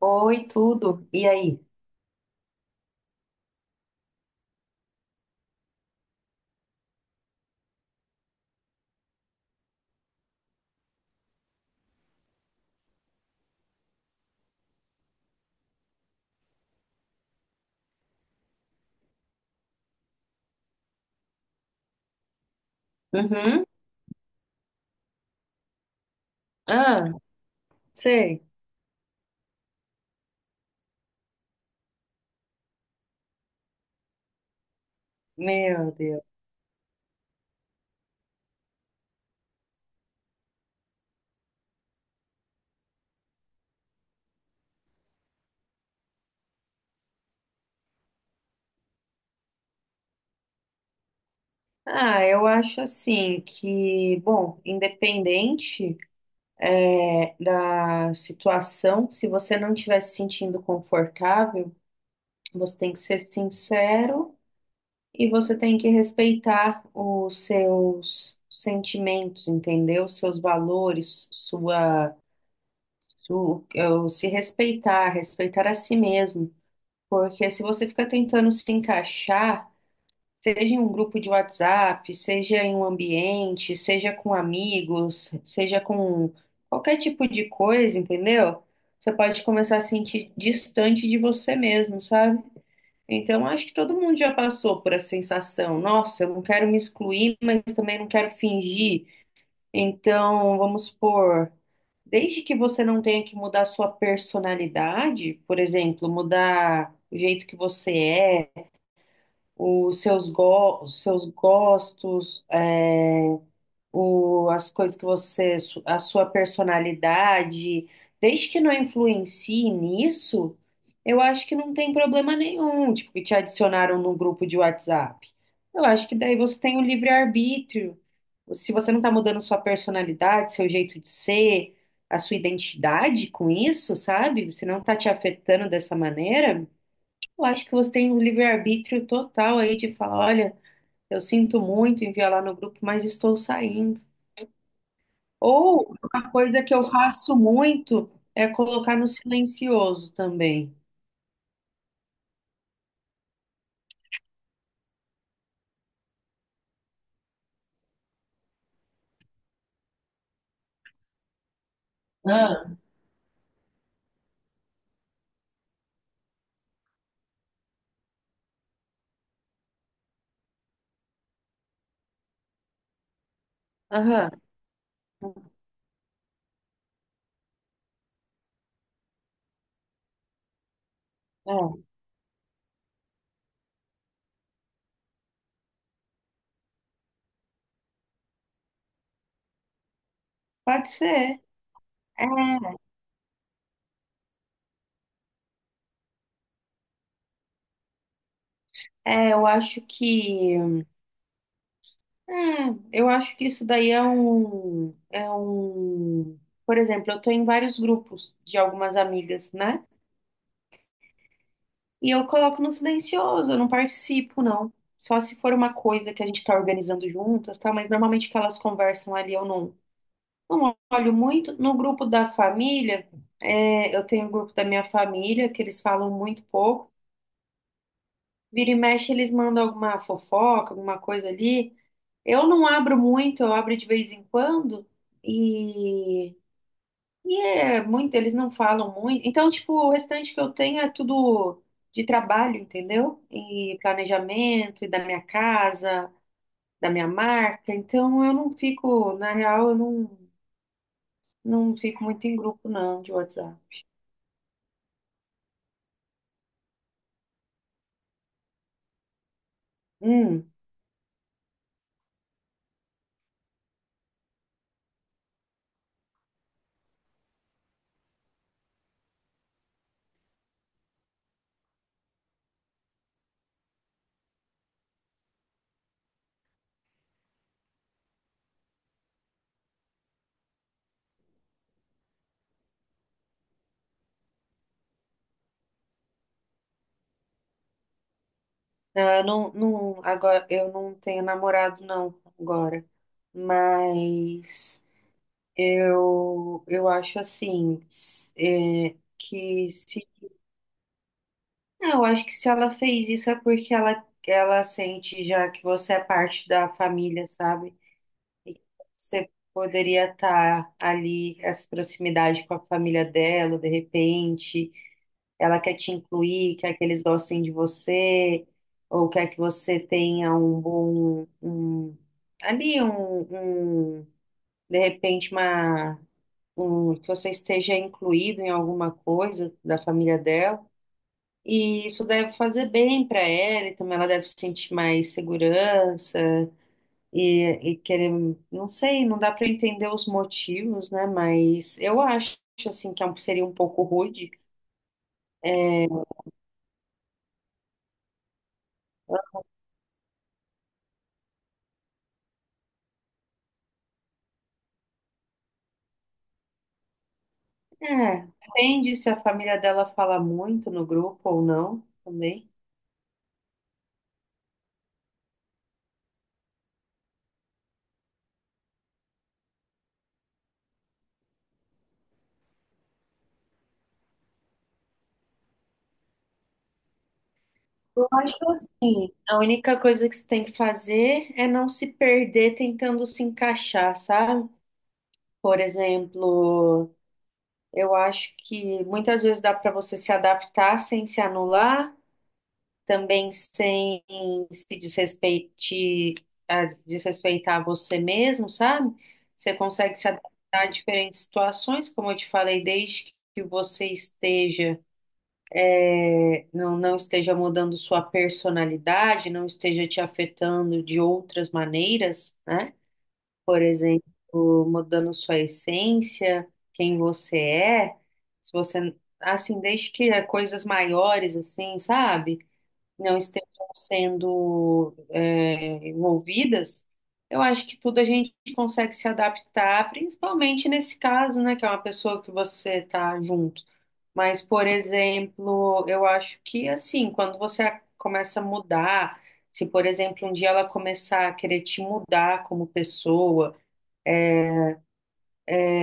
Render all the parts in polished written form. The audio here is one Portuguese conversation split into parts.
Oi, tudo. E aí? Uhum. Ah, sei. Meu Deus. Ah, eu acho assim que, bom, independente da situação, se você não estiver se sentindo confortável, você tem que ser sincero e você tem que respeitar os seus sentimentos, entendeu? Seus valores, se respeitar, respeitar a si mesmo. Porque se você fica tentando se encaixar, seja em um grupo de WhatsApp, seja em um ambiente, seja com amigos, seja com qualquer tipo de coisa, entendeu? Você pode começar a se sentir distante de você mesmo, sabe? Então, acho que todo mundo já passou por essa sensação. Nossa, eu não quero me excluir, mas também não quero fingir. Então, vamos supor, desde que você não tenha que mudar sua personalidade, por exemplo, mudar o jeito que você é os seus gostos, as coisas que você, a sua personalidade, desde que não influencie nisso, eu acho que não tem problema nenhum, tipo, que te adicionaram num grupo de WhatsApp. Eu acho que daí você tem o livre-arbítrio. Se você não está mudando sua personalidade, seu jeito de ser, a sua identidade com isso, sabe? Se não está te afetando dessa maneira, eu acho que você tem um livre-arbítrio total aí de falar, olha, eu sinto muito enviar lá no grupo, mas estou saindo. Ou uma coisa que eu faço muito é colocar no silencioso também. Aham, é. Pode ser. Eu acho que é, isso daí é um, por exemplo, eu estou em vários grupos de algumas amigas, né? E eu coloco no silencioso, eu não participo, não. Só se for uma coisa que a gente está organizando juntas, tá? Mas normalmente que elas conversam ali, eu não olho muito. No grupo da família, eu tenho o grupo da minha família, que eles falam muito pouco. Vira e mexe, eles mandam alguma fofoca, alguma coisa ali. Eu não abro muito, eu abro de vez em quando. e e é muito, eles não falam muito. Então, tipo, o restante que eu tenho é tudo de trabalho, entendeu? E planejamento, e da minha casa, da minha marca. Então, eu não fico, na real, eu não fico muito em grupo, não, de WhatsApp. Hum, não, eu não. Não, agora, eu não tenho namorado, não, agora. Mas eu acho assim, que se... Não, eu acho que se ela fez isso é porque ela sente já que você é parte da família, sabe? Você poderia estar ali, essa proximidade com a família dela, de repente. Ela quer te incluir, quer que eles gostem de você, ou quer que você tenha um bom, um, ali, um, de repente, uma, um, que você esteja incluído em alguma coisa da família dela. E isso deve fazer bem para ela, e também ela deve sentir mais segurança e querer, não sei, não dá para entender os motivos, né? Mas eu acho assim que seria um pouco rude. É, é, depende se a família dela fala muito no grupo ou não também. Eu acho assim, a única coisa que você tem que fazer é não se perder tentando se encaixar, sabe? Por exemplo. Eu acho que muitas vezes dá para você se adaptar sem se anular, também sem se desrespeite- desrespeitar você mesmo, sabe? Você consegue se adaptar a diferentes situações, como eu te falei, desde que você esteja, não esteja mudando sua personalidade, não esteja te afetando de outras maneiras, né? Por exemplo, mudando sua essência, quem você é, se você, assim, desde que é coisas maiores, assim, sabe, não estejam sendo envolvidas, eu acho que tudo a gente consegue se adaptar, principalmente nesse caso, né, que é uma pessoa que você tá junto. Mas, por exemplo, eu acho que, assim, quando você começa a mudar, se, por exemplo, um dia ela começar a querer te mudar como pessoa,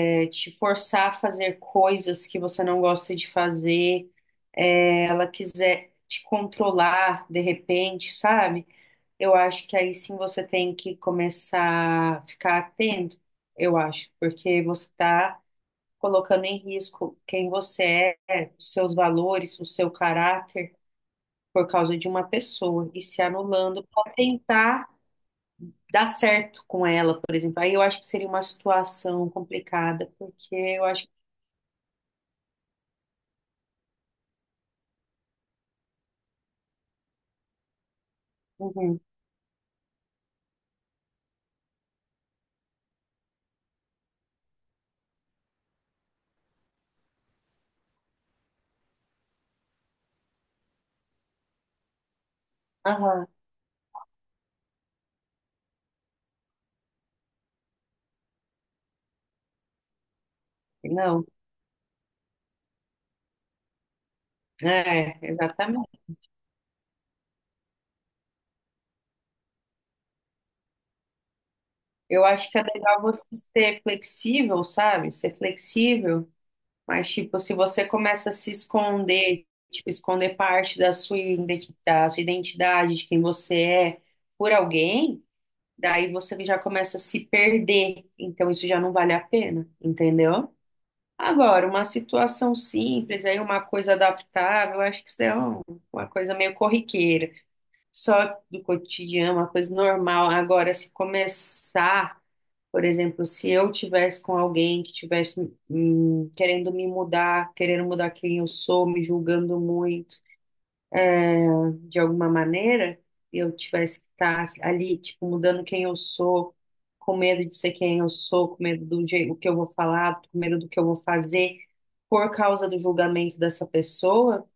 te forçar a fazer coisas que você não gosta de fazer, ela quiser te controlar de repente, sabe? Eu acho que aí sim você tem que começar a ficar atento, eu acho, porque você está colocando em risco quem você é, os seus valores, o seu caráter, por causa de uma pessoa, e se anulando para tentar dar certo com ela, por exemplo. Aí eu acho que seria uma situação complicada, porque eu acho que... Uhum. Aham. Não, é, exatamente. Eu acho que é legal você ser flexível, sabe? Ser flexível, mas tipo, se você começa a se esconder, tipo, esconder parte da sua identidade, de quem você é, por alguém, daí você já começa a se perder. Então isso já não vale a pena, entendeu? Agora, uma situação simples, aí uma coisa adaptável, eu acho que isso é uma coisa meio corriqueira, só do cotidiano, uma coisa normal. Agora, se começar, por exemplo, se eu tivesse com alguém que tivesse querendo me mudar, querendo mudar quem eu sou, me julgando muito de alguma maneira, eu tivesse que estar ali, tipo, mudando quem eu sou, com medo de ser quem eu sou, com medo do jeito que eu vou falar, com medo do que eu vou fazer, por causa do julgamento dessa pessoa,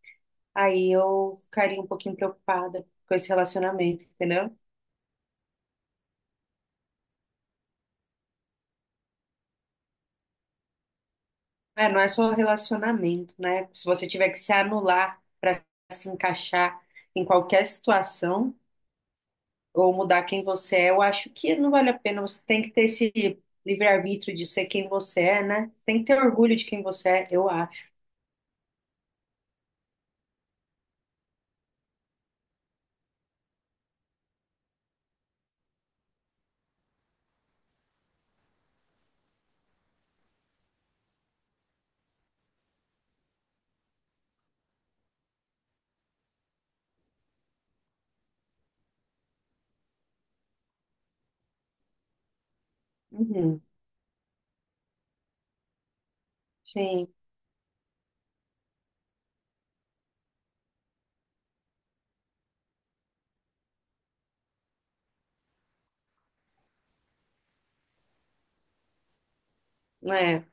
aí eu ficaria um pouquinho preocupada com esse relacionamento, entendeu? É, não é só relacionamento, né? Se você tiver que se anular para se encaixar em qualquer situação ou mudar quem você é, eu acho que não vale a pena. Você tem que ter esse livre-arbítrio de ser quem você é, né? Você tem que ter orgulho de quem você é, eu acho. Uhum, sim, né?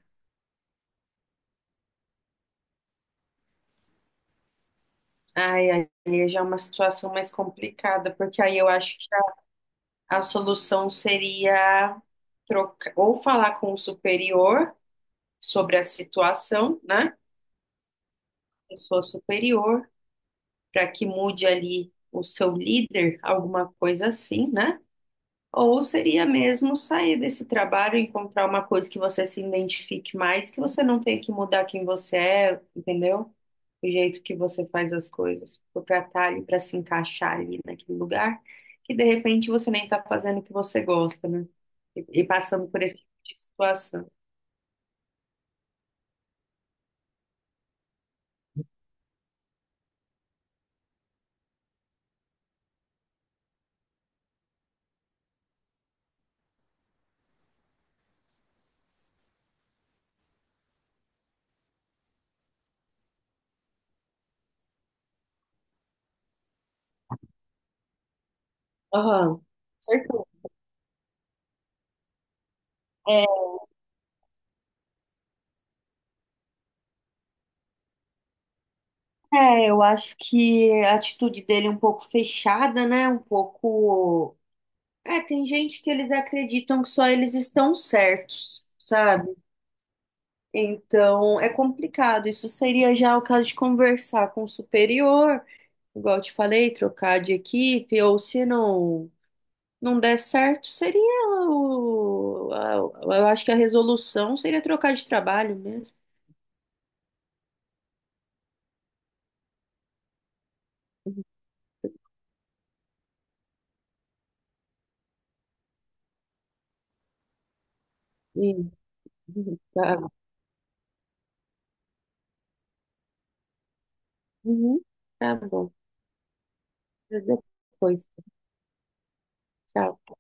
Ai, aí já é uma situação mais complicada, porque aí eu acho que a solução seria trocar ou falar com o superior sobre a situação, né? Pessoa superior, para que mude ali o seu líder, alguma coisa assim, né? Ou seria mesmo sair desse trabalho e encontrar uma coisa que você se identifique mais, que você não tenha que mudar quem você é, entendeu? O jeito que você faz as coisas, para estar ali, para se encaixar ali naquele lugar, que de repente você nem está fazendo o que você gosta, né? E passando por esse tipo de situação. Aham, certo. É, eu acho que a atitude dele é um pouco fechada, né? Um pouco. É, tem gente que eles acreditam que só eles estão certos, sabe? Então é complicado. Isso seria já o caso de conversar com o superior, igual eu te falei, trocar de equipe, ou se não, não der certo, seria eu acho que a resolução seria trocar de trabalho mesmo. E, tá. Uhum, tá bom. Até depois, tchau.